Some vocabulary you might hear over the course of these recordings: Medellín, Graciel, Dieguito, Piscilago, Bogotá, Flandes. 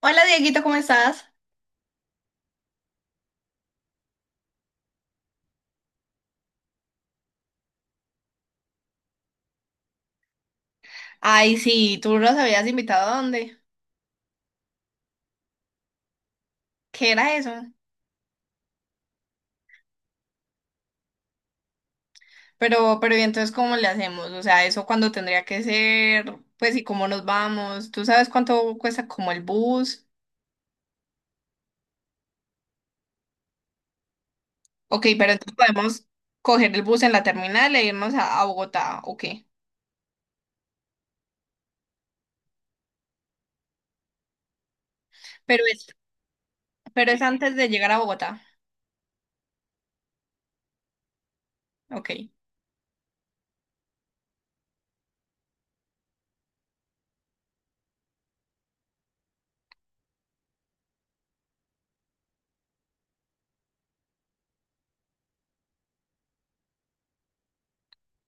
Hola Dieguito, ¿cómo estás? Ay, sí, tú los habías invitado a dónde. ¿Qué era eso? ¿Y entonces cómo le hacemos? O sea, ¿eso cuándo tendría que ser? Pues, ¿y cómo nos vamos? ¿Tú sabes cuánto cuesta como el bus? Ok, pero entonces podemos coger el bus en la terminal e irnos a Bogotá, ok. Pero es, pero es antes de llegar a Bogotá. Ok,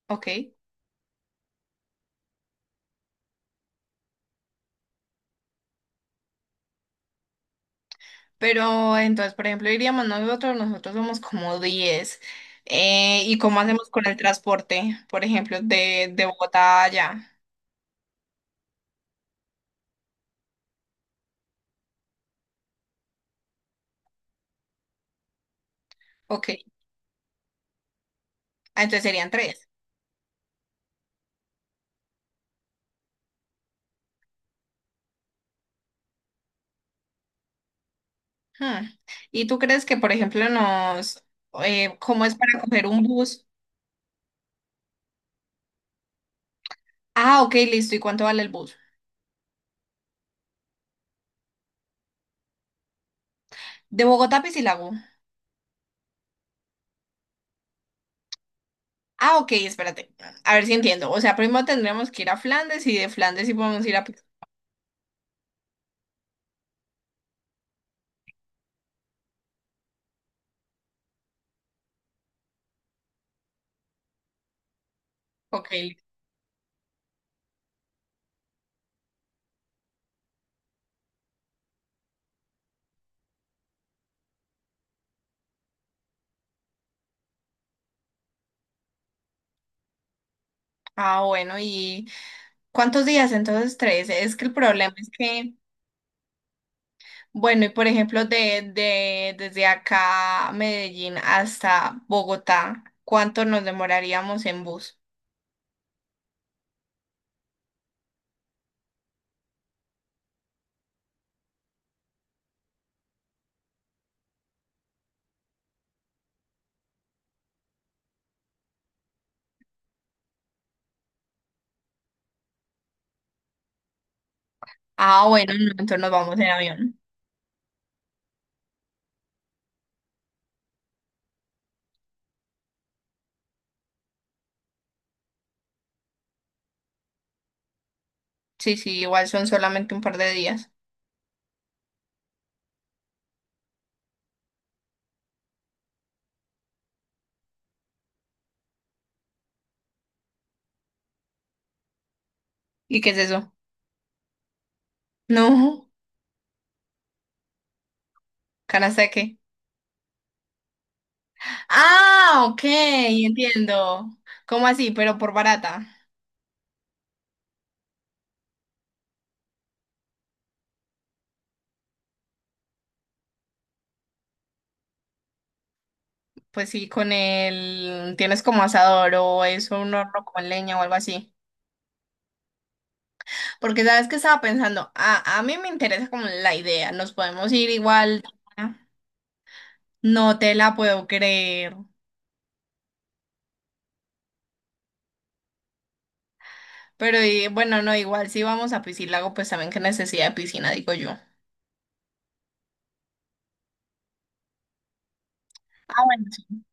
ok. Pero entonces, por ejemplo, iríamos nosotros somos como 10. ¿Y cómo hacemos con el transporte, por ejemplo, de Bogotá a allá? Ok, ah, entonces serían tres. Hmm. ¿Y tú crees que, por ejemplo, cómo es para coger un bus? Ah, ok, listo. ¿Y cuánto vale el bus? De Bogotá a Piscilago. Ah, ok, espérate. A ver si entiendo. O sea, primero tendríamos que ir a Flandes y de Flandes sí podemos ir a... Ok. Ah, bueno, ¿y cuántos días? Entonces, tres. Es que el problema es que... Bueno, y por ejemplo, desde acá a Medellín hasta Bogotá, ¿cuánto nos demoraríamos en bus? Ah, bueno, no, entonces nos vamos en avión. Sí, sí, igual son solamente un par de días. ¿Y qué es eso? No, ¿canasta de qué? Ah, ok, entiendo. ¿Cómo así? Pero por barata. Pues sí, con el... Tienes como asador o es un horno con leña o algo así. Porque sabes que estaba pensando, a mí me interesa como la idea, nos podemos ir igual. No te la puedo creer. Pero bueno, no, igual si vamos a Piscílago, pues también qué necesidad de piscina, digo yo. Ah, bueno, sí.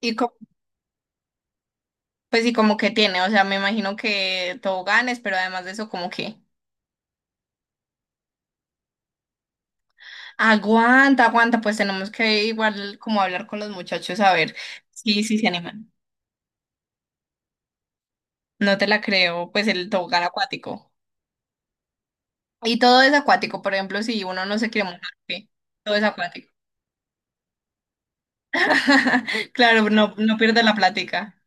Y co- pues y como que tiene, o sea, me imagino que toboganes, pero además de eso, como que aguanta, aguanta, pues tenemos que igual como hablar con los muchachos a ver si se animan. No te la creo, pues el tobogán acuático. Y todo es acuático, por ejemplo, si uno no se quiere mojar, ¿qué? Todo es acuático. Claro, no, no pierde la plática.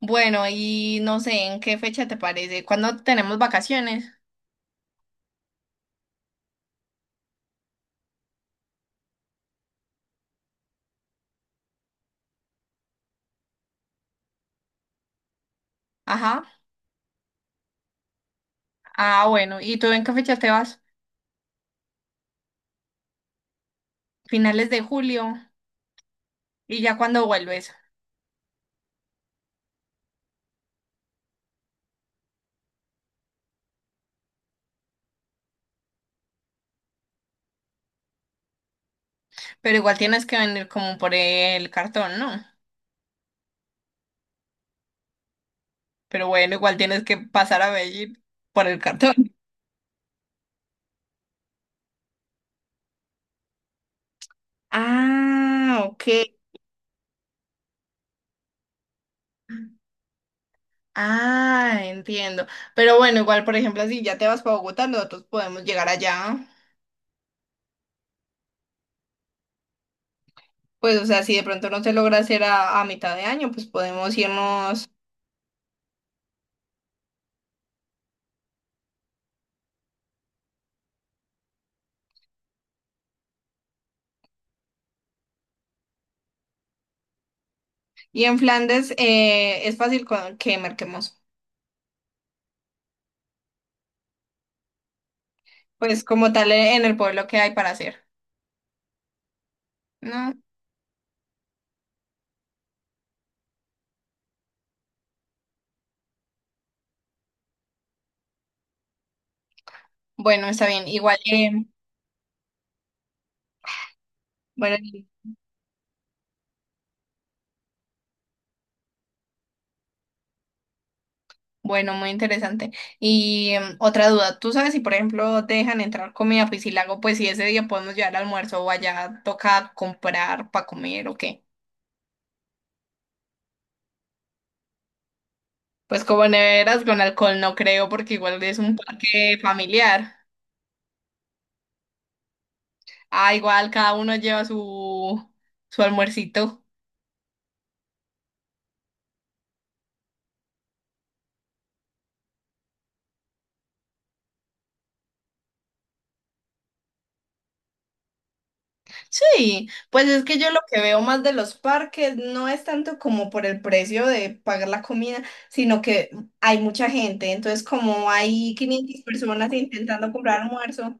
Bueno, y no sé, ¿en qué fecha te parece? ¿Cuándo tenemos vacaciones? Ajá. Ah, bueno, ¿y tú en qué fecha te vas? Finales de julio, y ya cuando vuelves. Pero igual tienes que venir como por el cartón, ¿no? Pero bueno, igual tienes que pasar a Medellín por el cartón. Ah, ok. Ah, entiendo. Pero bueno, igual, por ejemplo, si ya te vas para Bogotá, nosotros podemos llegar allá. Pues, o sea, si de pronto no se logra hacer a mitad de año, pues podemos irnos. Y en Flandes es fácil que marquemos, pues como tal en el pueblo que hay para hacer, ¿no? Bueno, está bien. Igual, bueno, bueno, muy interesante. Y otra duda, ¿tú sabes si por ejemplo dejan entrar comida piscilago, pues si ese día podemos llevar almuerzo o allá toca comprar para comer o qué? Pues como neveras con alcohol no creo, porque igual es un parque familiar. Ah, igual cada uno lleva su almuercito. Sí, pues es que yo lo que veo más de los parques no es tanto como por el precio de pagar la comida, sino que hay mucha gente, entonces como hay 500 personas intentando comprar almuerzo.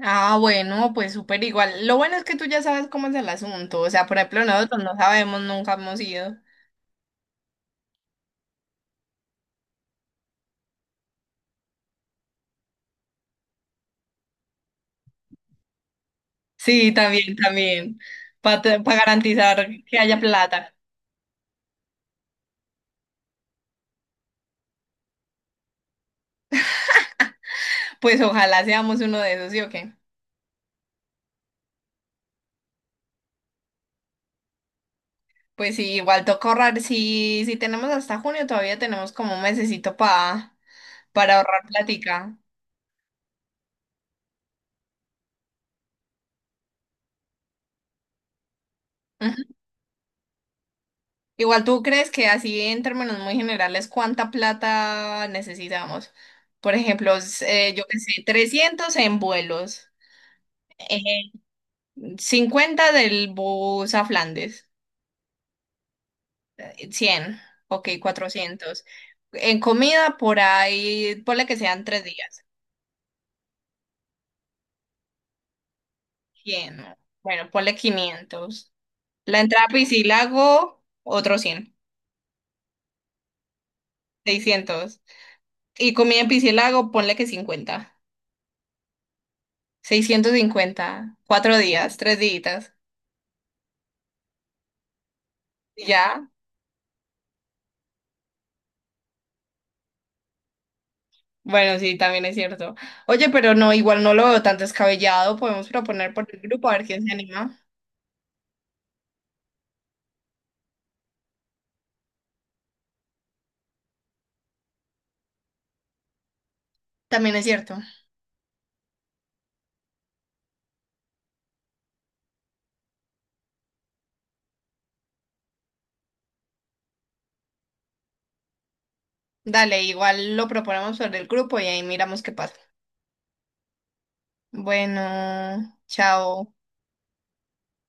Ah, bueno, pues súper igual. Lo bueno es que tú ya sabes cómo es el asunto. O sea, por ejemplo, nosotros no sabemos, nunca hemos ido. Sí, también, también. Para garantizar que haya plata. Pues ojalá seamos uno de esos, ¿sí o qué? Pues sí, igual toca ahorrar. Si tenemos hasta junio, todavía tenemos como un mesecito para ahorrar plática. Ujú. Igual tú crees que así en términos muy generales, ¿cuánta plata necesitamos? Por ejemplo, yo qué sé, 300 en vuelos, eh, 50 del bus a Flandes, cien 100, ok, 400. En comida por ahí, ponle que sean tres días, 100, bueno, ponle 500. La entrada a Piscilago, otro 100, 600. Y comida en Piscilago, ponle que 50, 650, cuatro días, tres días. Ya, bueno, sí, también es cierto. Oye, pero no, igual no lo veo tan descabellado. Podemos proponer por el grupo a ver quién se anima. También es cierto. Dale, igual lo proponemos por el grupo y ahí miramos qué pasa. Bueno, chao.